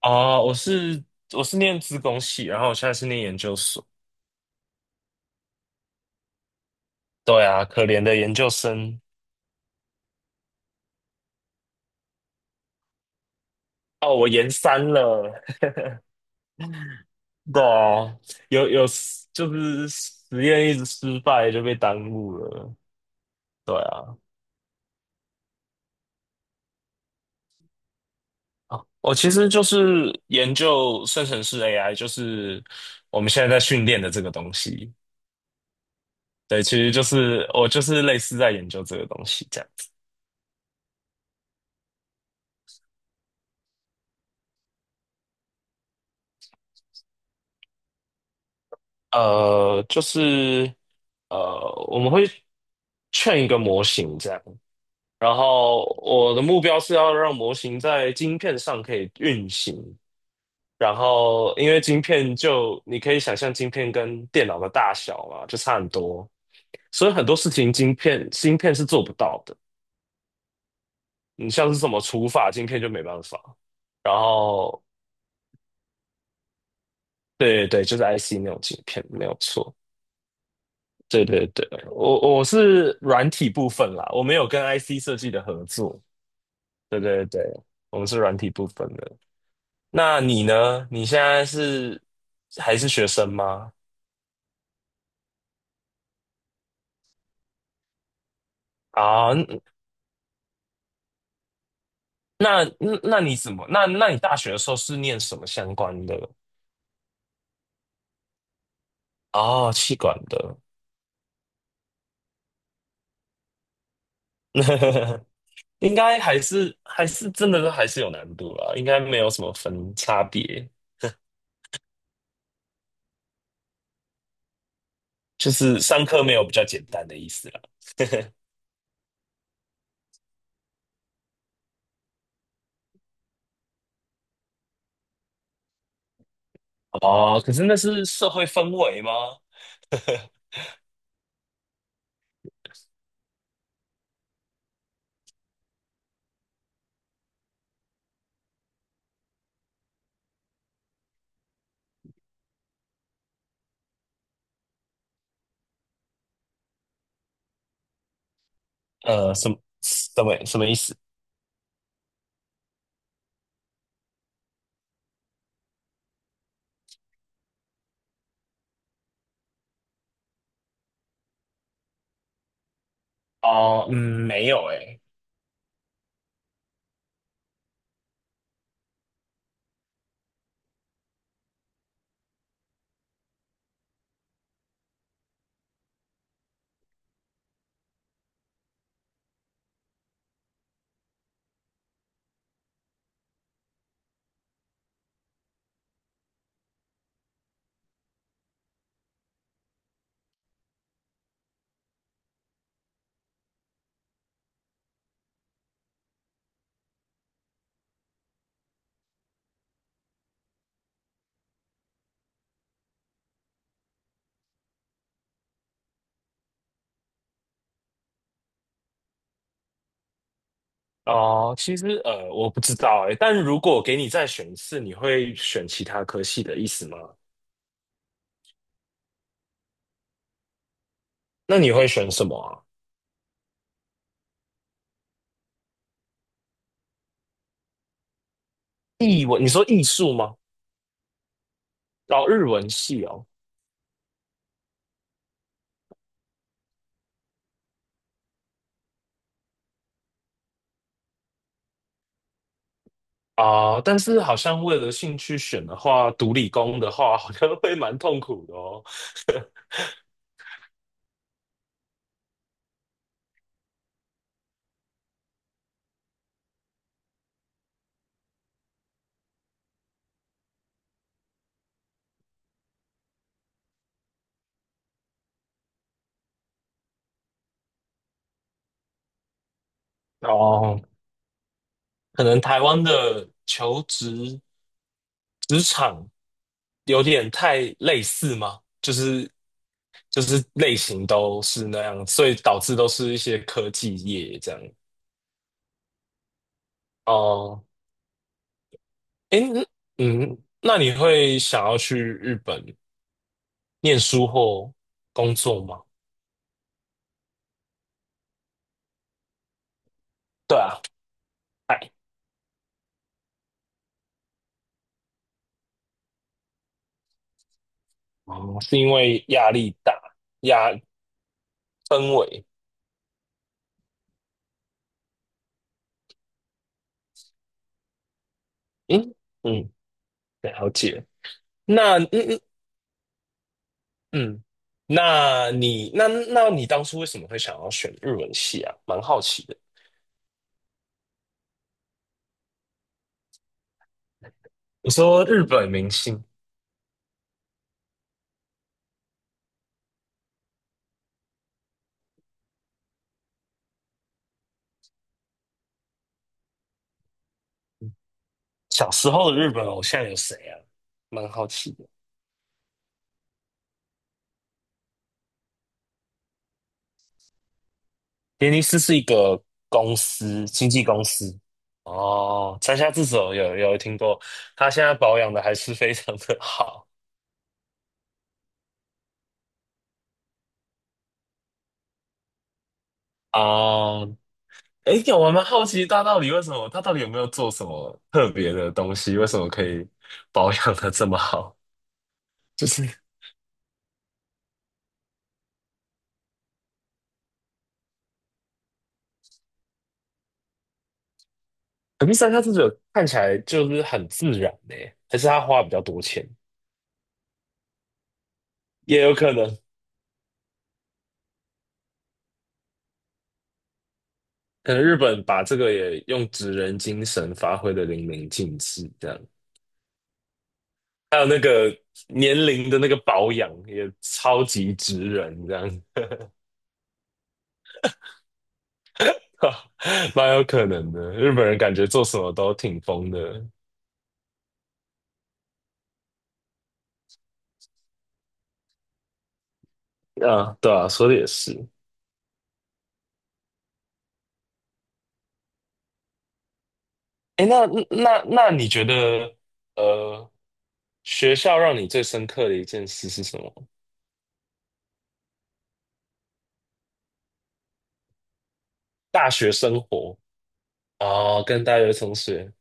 哦，我是念资工系，然后我现在是念研究所。对啊，可怜的研究生。哦，我研三了。对啊，有有就是实验一直失败就被耽误了。对啊，我其实就是研究生成式 AI，就是我们现在在训练的这个东西。对，其实就是我就是类似在研究这个东西这样子。呃，就是我们会劝一个模型这样。然后我的目标是要让模型在晶片上可以运行，然后因为晶片就你可以想象晶片跟电脑的大小嘛，就差很多，所以很多事情晶片芯片是做不到的。你像是什么除法晶片就没办法。然后对对对，就是 IC 那种晶片没有错。对对对，我是软体部分啦，我没有跟 IC 设计的合作。对对对，我们是软体部分的。那你呢？你现在是还是学生吗？啊，那你怎么？那你大学的时候是念什么相关的？哦，气管的，应该还是真的还是有难度啦，应该没有什么分差别，就是上课没有比较简单的意思啦。哦，可是那是社会氛围吗？呃，什么什么什么意思？哦，嗯，没有诶、哦，其实我不知道哎，但如果给你再选一次，你会选其他科系的意思吗？那你会选什么啊？艺文，你说艺术吗？哦，日文系哦，啊、但是好像为了兴趣选的话，读理工的话，好像会蛮痛苦的哦。哦，可能台湾的求职职场有点太类似吗？就是类型都是那样，所以导致都是一些科技业这样。哦，诶，嗯，那你会想要去日本念书或工作吗？对啊，哎，哦，是因为压力大，压氛围，嗯嗯，了解。那嗯嗯嗯，那你那那你当初为什么会想要选日文系啊？蛮好奇的。你说日本明星，小时候的日本偶像有谁啊？蛮好奇的。杰尼斯是一个公司，经纪公司。哦，山下智久有听过，他现在保养的还是非常的好。哦，哎，我蛮好奇大到底为什么，他到底有没有做什么特别的东西？为什么可以保养的这么好？就是，可是山下智久看起来就是很自然呢，还是他花比较多钱？也有可能，可能日本把这个也用职人精神发挥的淋漓尽致，这样。还有那个年龄的那个保养也超级直人，这样，蛮有可能的。日本人感觉做什么都挺疯的，啊，对啊，说的也是。哎，那你觉得，呃，学校让你最深刻的一件事是什么？大学生活哦，跟大学同学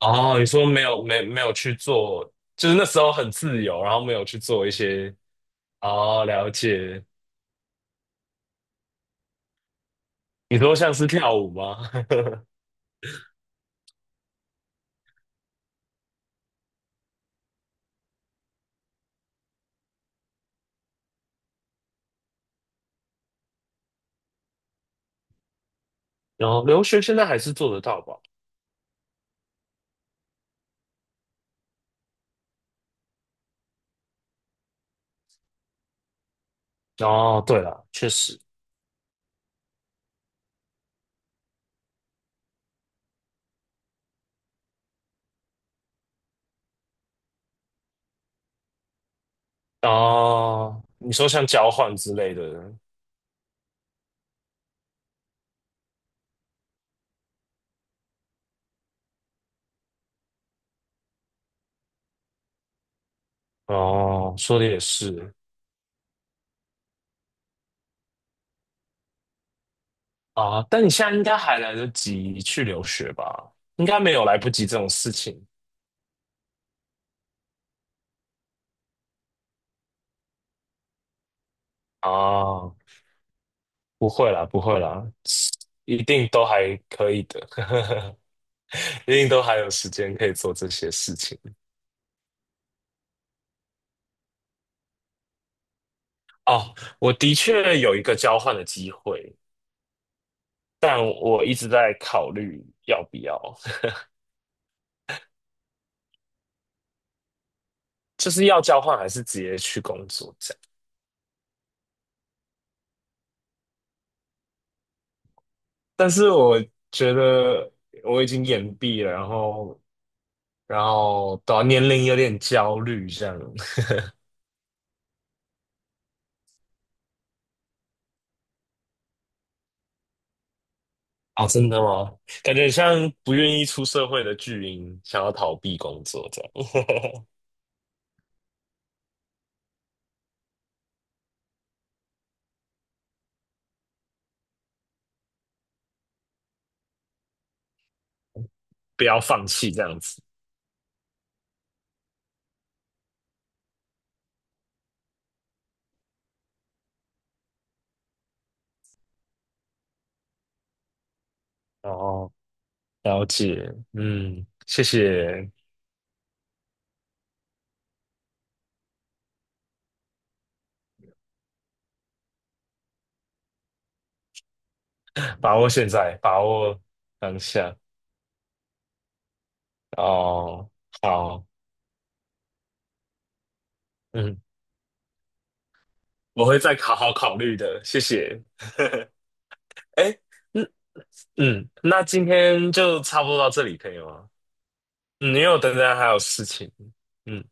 哦，你说没有去做，就是那时候很自由，然后没有去做一些哦，了解。你说像是跳舞吗？哦，留学现在还是做得到吧？哦，对了，确实。哦，你说像交换之类的，哦，说的也是啊。但你现在应该还来得及去留学吧？应该没有来不及这种事情啊。不会啦，不会啦，一定都还可以的，一定都还有时间可以做这些事情。哦，我的确有一个交换的机会，但我一直在考虑要不要。就是要交换还是直接去工作这样。但是我觉得我已经延毕了，然后到年龄有点焦虑这样。哦，真的吗？感觉像不愿意出社会的巨婴，想要逃避工作这样，不要放弃这样子。哦，了解，嗯，谢谢，把握现在，把握当下。哦，好，嗯，我会再好好考虑的，谢谢。哎。那嗯，那今天就差不多到这里，可以吗？嗯，因为我等等还有事情。嗯，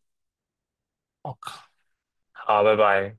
我靠。好，拜拜。